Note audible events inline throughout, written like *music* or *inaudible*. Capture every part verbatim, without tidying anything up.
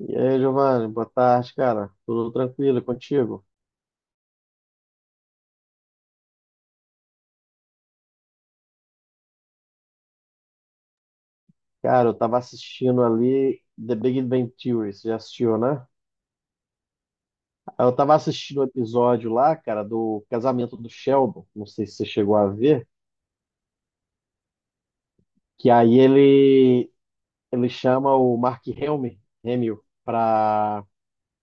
E aí, Giovanni, boa tarde, cara. Tudo tranquilo e contigo? Cara, eu tava assistindo ali The Big Bang Theory, você já assistiu, né? Aí Eu tava assistindo o episódio lá, cara, do casamento do Sheldon, não sei se você chegou a ver, que aí ele ele chama o Mark Hamill, Hamill pra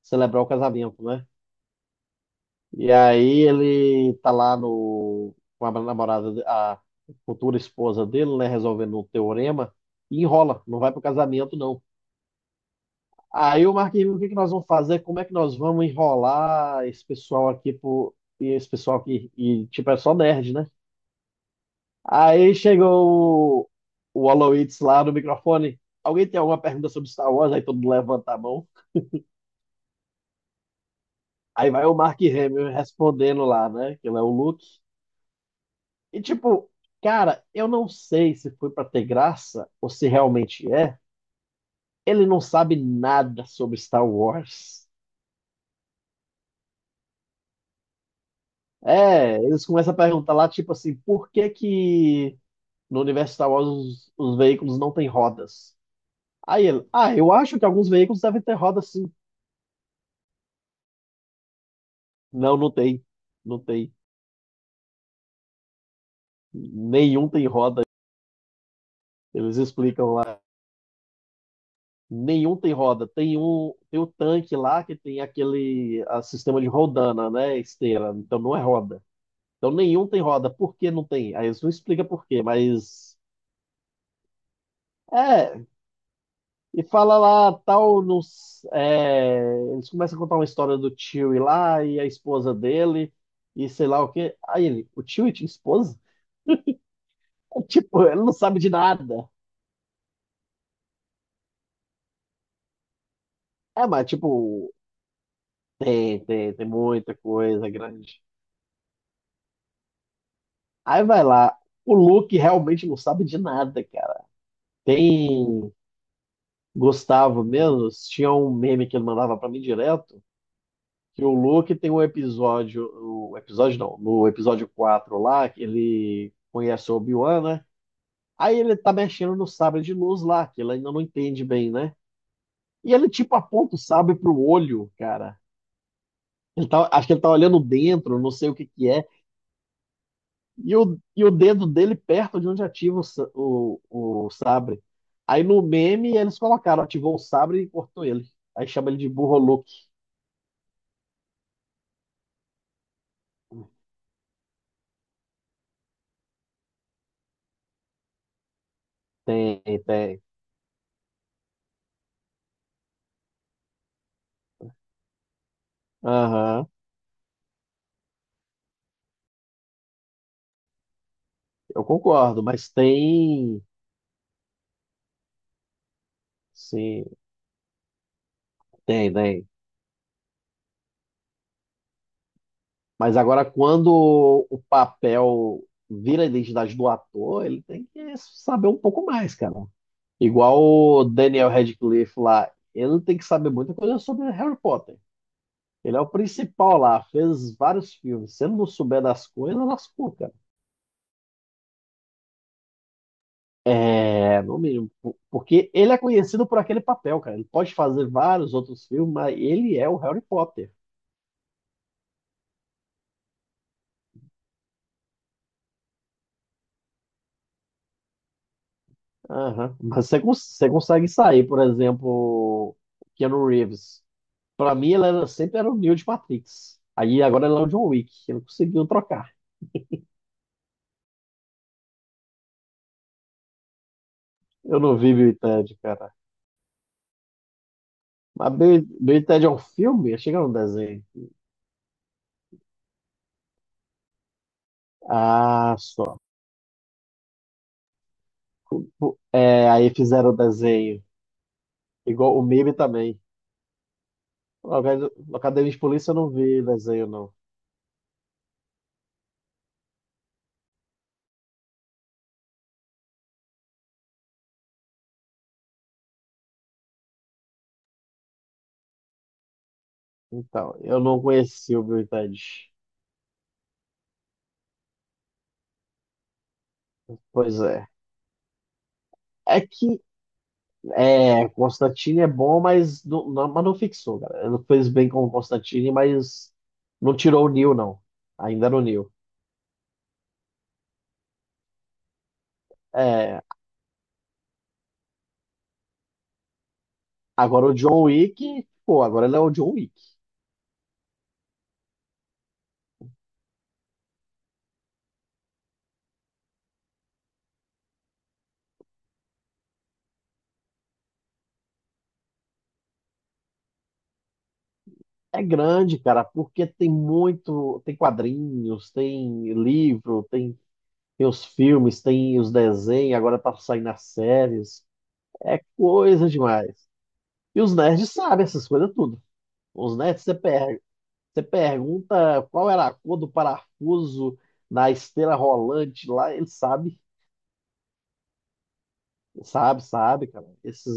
celebrar o casamento, né? E aí ele tá lá no com a namorada, de- a futura esposa dele, né, resolvendo um teorema e enrola, não vai pro casamento não. Aí o Marquinhos, o que que nós vamos fazer? Como é que nós vamos enrolar esse pessoal aqui pro, e esse pessoal que e, tipo é só nerd, né? Aí chegou o, o Aloysius lá no microfone. Alguém tem alguma pergunta sobre Star Wars? Aí todo mundo levanta a mão. Aí vai o Mark Hamill respondendo lá, né? Que ele é o Luke. E tipo, cara, eu não sei se foi pra ter graça ou se realmente é. Ele não sabe nada sobre Star Wars. É, eles começam a perguntar lá, tipo assim, por que que no universo Star Wars, os, os veículos não têm rodas. Aí ele, ah, eu acho que alguns veículos devem ter roda sim. Não, não tem. Não tem. Nenhum tem roda. Eles explicam lá. Nenhum tem roda. Tem um, tem o tanque lá que tem aquele a, sistema de rodana, né? Esteira. Então não é roda. Então nenhum tem roda. Por que não tem? Aí eles não explicam por quê, mas. É, e fala lá, tal, nos, é, eles começam a contar uma história do tio e lá, e a esposa dele, e sei lá o quê. Aí ele, o tio e tinha esposa? *laughs* Tipo, ele não sabe de nada. É, mas tipo, tem, tem, tem muita coisa grande. Aí vai lá, o Luke realmente não sabe de nada, cara. Tem Gustavo mesmo, tinha um meme que ele mandava pra mim direto, que o Luke tem um episódio, o episódio não, no episódio quatro lá, que ele conhece o Obi-Wan, né? Aí ele tá mexendo no sabre de luz lá, que ele ainda não entende bem, né? E ele tipo aponta o sabre pro olho, cara. Ele tá, acho que ele tá olhando dentro, não sei o que que é. E o, e o dedo dele perto de onde ativa o, sa- o, o sabre. Aí no meme eles colocaram, ativou o sabre e cortou ele. Aí chama ele de burro Luke. Tem, tem. Aham, eu concordo, mas tem. Sim, tem, tem. Mas agora, quando o papel vira a identidade do ator, ele tem que saber um pouco mais, cara. Igual o Daniel Radcliffe lá, ele tem que saber muita coisa sobre Harry Potter. Ele é o principal lá, fez vários filmes. Se ele não souber das coisas, lascou, cara. É, no mínimo. po- Porque ele é conhecido por aquele papel, cara. Ele pode fazer vários outros filmes, mas ele é o Harry Potter. Aham. Mas você, cons- você consegue sair, por exemplo, Keanu Reeves. Pra mim, ele era, sempre era o Neo de Matrix. Aí agora ele é o John Wick. Ele conseguiu trocar. Eu não vi Bill e Ted, cara. Mas Bill, Bill e Ted é um filme? Achei que chega um desenho. Ah, só. Pô, é, aí fizeram o desenho. Igual o meme também. na Acad- na Academia de Polícia eu não vi desenho, não. Então, eu não conheci o Bill e Ted. Pois é. É que é, Constantine é bom, mas não, não- mas não fixou, galera. Ele fez bem com o Constantine, mas não tirou o Neo, não. Ainda no Neo. É, agora o John Wick, pô, agora ele é o John Wick. É grande, cara, porque tem muito, tem quadrinhos, tem livro, tem, tem os filmes, tem os desenhos, agora tá saindo as séries. É coisa demais. E os nerds sabem essas coisas tudo. Os nerds você perde. Você pergunta qual era a cor do parafuso na esteira rolante lá, ele sabe, sabe, sabe, cara. Esses,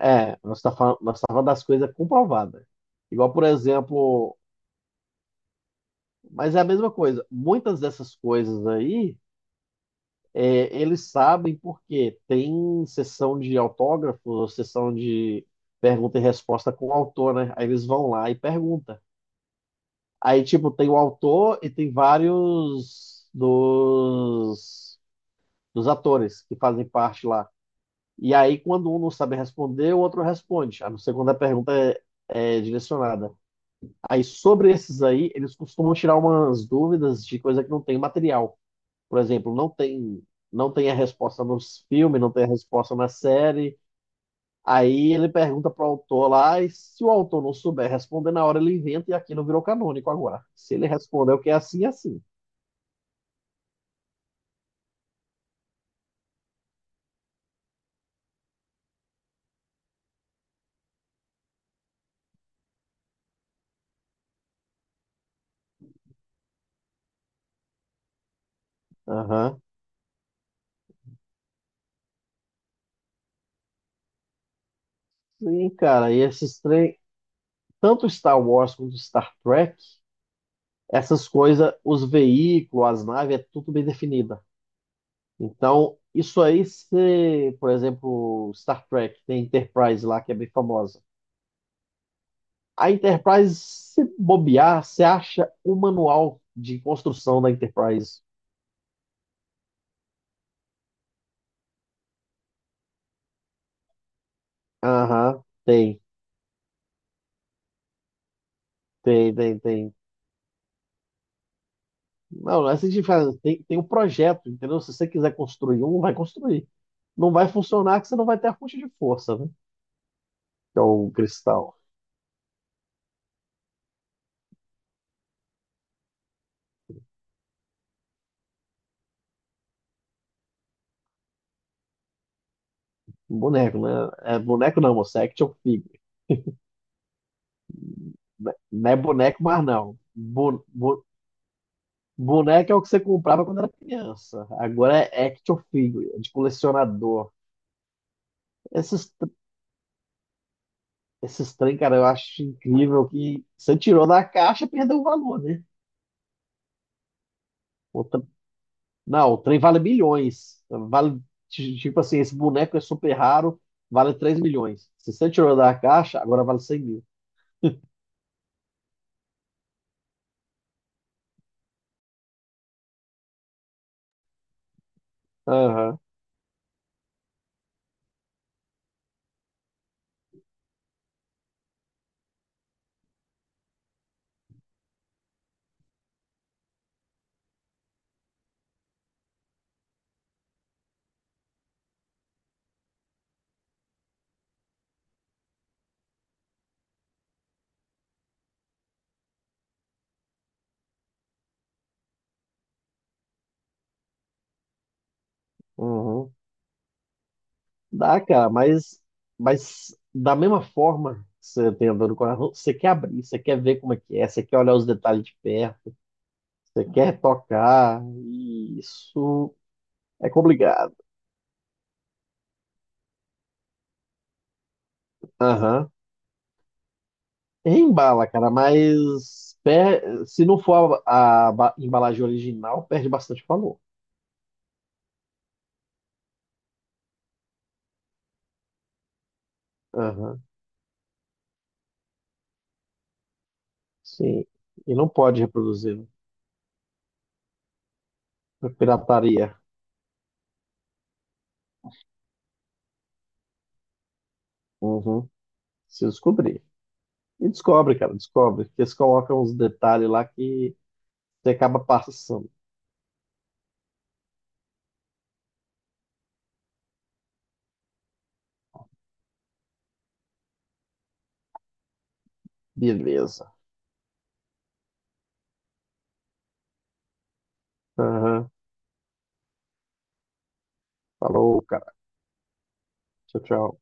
é, nós tá falando, nós tá falando das coisas comprovadas. Igual, por exemplo, mas é a mesma coisa. Muitas dessas coisas aí, é, eles sabem porque tem sessão de autógrafo, sessão de pergunta e resposta com o autor, né? Aí eles vão lá e perguntam. Aí, tipo, tem o autor e tem vários dos dos atores que fazem parte lá. E aí, quando um não sabe responder, o outro responde, a não ser quando a pergunta é, é direcionada. Aí, sobre esses aí, eles costumam tirar umas dúvidas de coisa que não tem material. Por exemplo, não tem, não tem a resposta nos filmes, não tem a resposta na série. Aí ele pergunta para o autor lá, e se o autor não souber responder na hora, ele inventa e aquilo virou canônico agora. Se ele responder o que é assim, é assim. Aham. Sim, cara, e esses três, tanto Star Wars quanto Star Trek, essas coisas, os veículos, as naves, é tudo bem definida. Então, isso aí, se, por exemplo, Star Trek, tem a Enterprise lá, que é bem famosa. A Enterprise, se bobear, você acha o manual de construção da Enterprise. Aham, tem, tem, tem, tem. Não, não é assim que faz, tem, tem um projeto, entendeu? Se você quiser construir um, vai construir. Não vai funcionar que você não vai ter a fonte de força, né? Que é o cristal. Boneco, né? É boneco não, moça, é action figure. Né- não é boneco, mas não. Bu- bu- Boneco é o que você comprava quando era criança. Agora é action figure, é de colecionador. Esses, tr- Esses trem, cara, eu acho incrível que você tirou da caixa, perdeu o valor, né? O tr- não, o trem vale milhões. Vale, ti- tipo assim, esse boneco é super raro, vale três milhões. Se você tirou da caixa, agora vale cem mil. Aham, uhum. Dá, cara, mas, mas da mesma forma que você tem a dor no coração, você quer abrir, você quer ver como é que é, você quer olhar os detalhes de perto, você quer tocar, e isso é complicado. Aham. Embala, cara, mas per- se não for a, a ba- embalagem original, perde bastante valor. Aham, sim. E não pode reproduzir, né? É pirataria. Uhum. Se descobrir. E descobre, cara, descobre. Porque eles colocam uns detalhes lá que você acaba passando. Beleza. Aham. Falou, cara. Tchau, tchau.